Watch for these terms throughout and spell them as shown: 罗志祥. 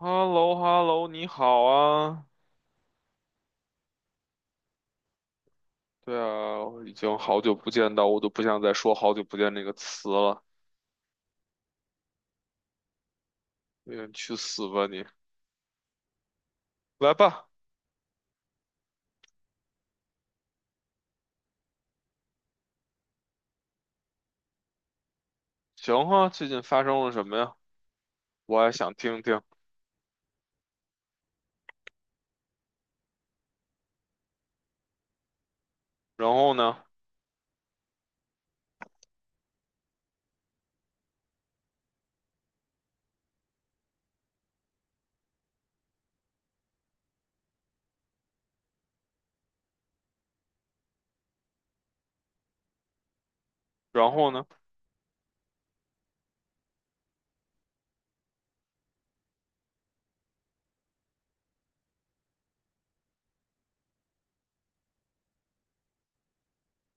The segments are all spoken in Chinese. Hello hello 你好啊。对啊，我已经好久不见到，我都不想再说“好久不见”这个词了。嗯你去死吧你！来吧，行啊，最近发生了什么呀？我还想听听。然后呢？然后呢？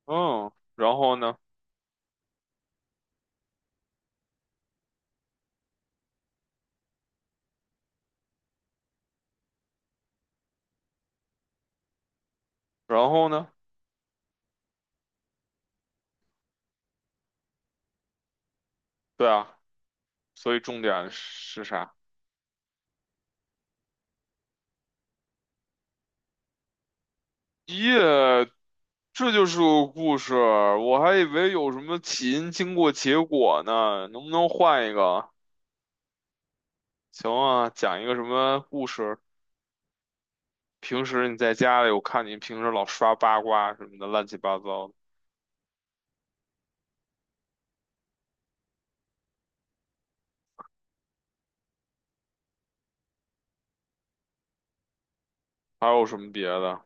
嗯，然后呢？然后呢？对啊，所以重点是啥？耶，这就是个故事，我还以为有什么起因、经过、结果呢，能不能换一个啊？行啊，讲一个什么故事？平时你在家里，我看你平时老刷八卦什么的，乱七八糟的，还有什么别的？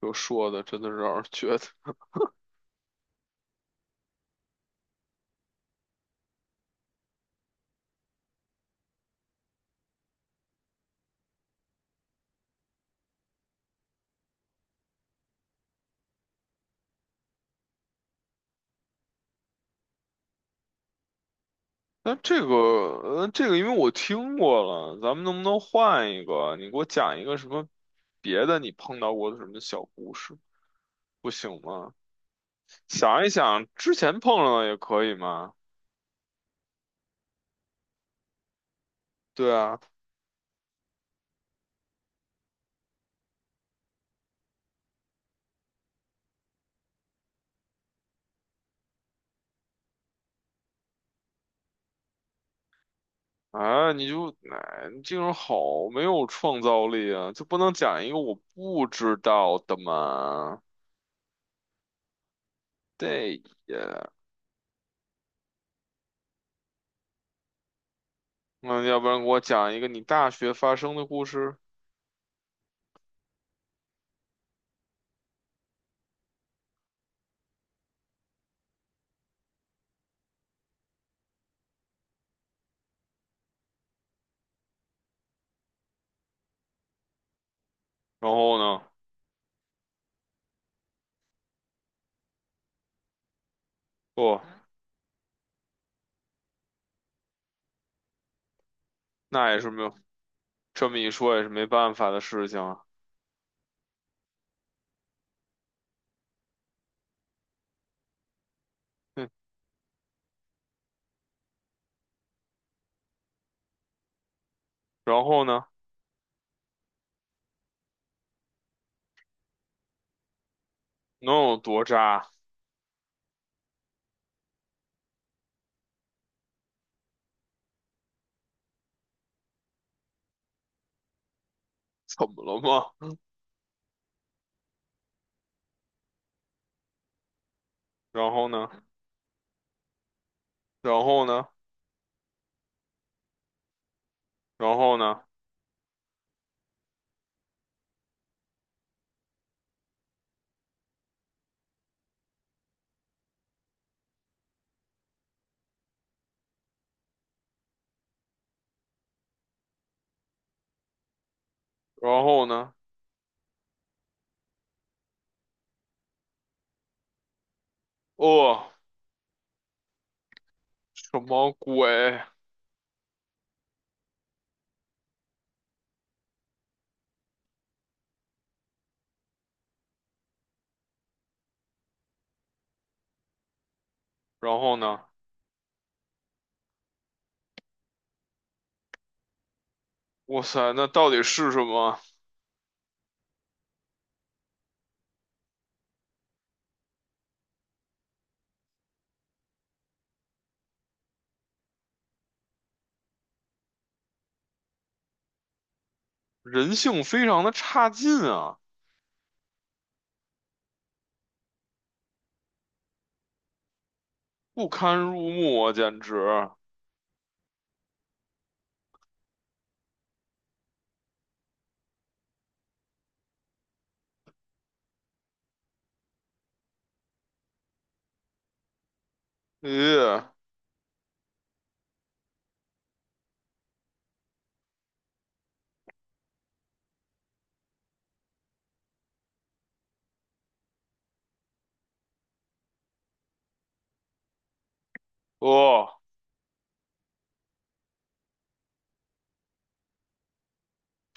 就说的，真的是让人觉得。那这个，这个，因为我听过了，咱们能不能换一个？你给我讲一个什么别的你碰到过的什么小故事，不行吗？想一想之前碰上的也可以吗？对啊，啊，你就，哎，你这个人好没有创造力啊，就不能讲一个我不知道的吗？对呀。那要不然给我讲一个你大学发生的故事。然后呢，不，那也是没有，这么一说也是没办法的事情啊。嗯，然后呢，能有多渣？怎么了吗？然后呢，然后呢，然后呢，然后呢？哦，什么鬼？然后呢？哇塞，那到底是什么？人性非常的差劲啊，不堪入目啊，简直！咦，哦，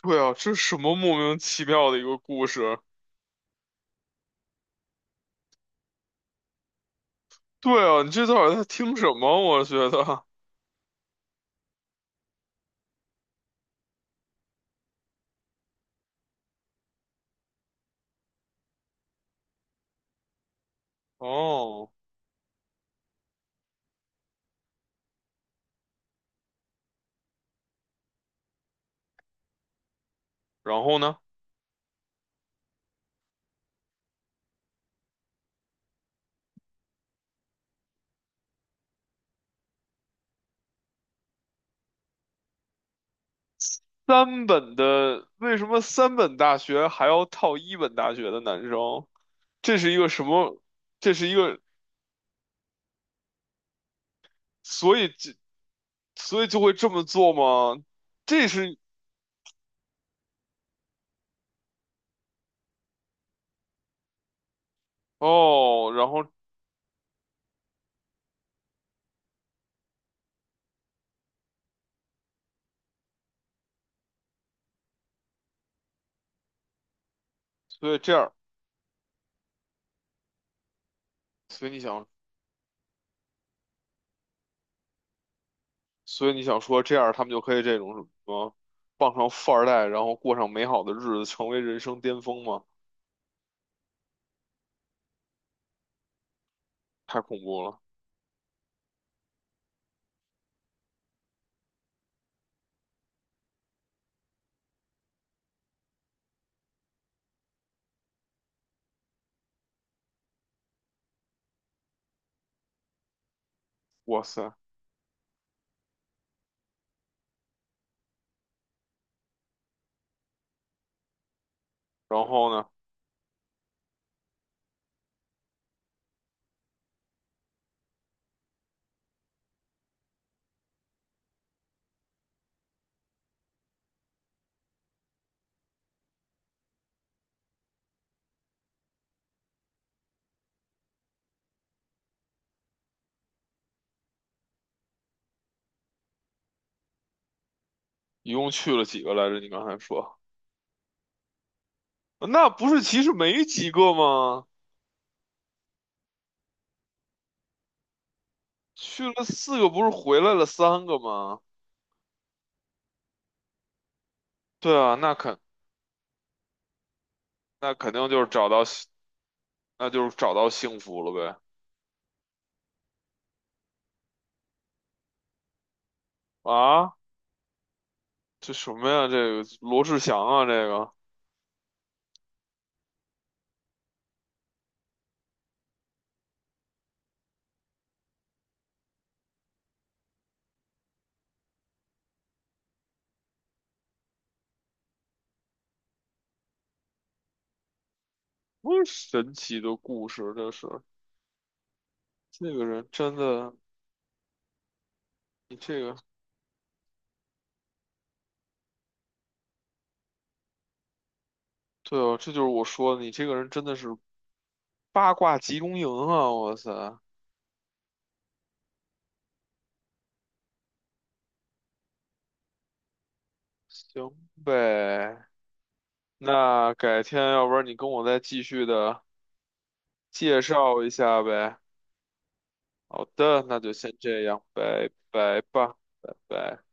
对啊，这是什么莫名其妙的一个故事？对啊，你这到底在听什么？我觉得，哦，然后呢？三本的，为什么三本大学还要套一本大学的男生？这是一个什么？这是一个，所以这，所以就会这么做吗？这是，哦，然后，所以这样，所以你想，所以你想说这样，他们就可以这种什么，傍上富二代，然后过上美好的日子，成为人生巅峰吗？太恐怖了，哇塞！然后呢？一共去了几个来着？你刚才说，那不是其实没几个吗？去了四个，不是回来了3个吗？对啊，那肯那肯定就是找到，那就是找到幸福了呗。啊，这什么呀？这个罗志祥啊，这个多神奇的故事，这是这个人真的，你这个对哦，这就是我说的，你这个人真的是八卦集中营啊！我塞，行呗，那改天要不然你跟我再继续的。介绍一下呗。好的，那就先这样，拜拜吧，拜拜。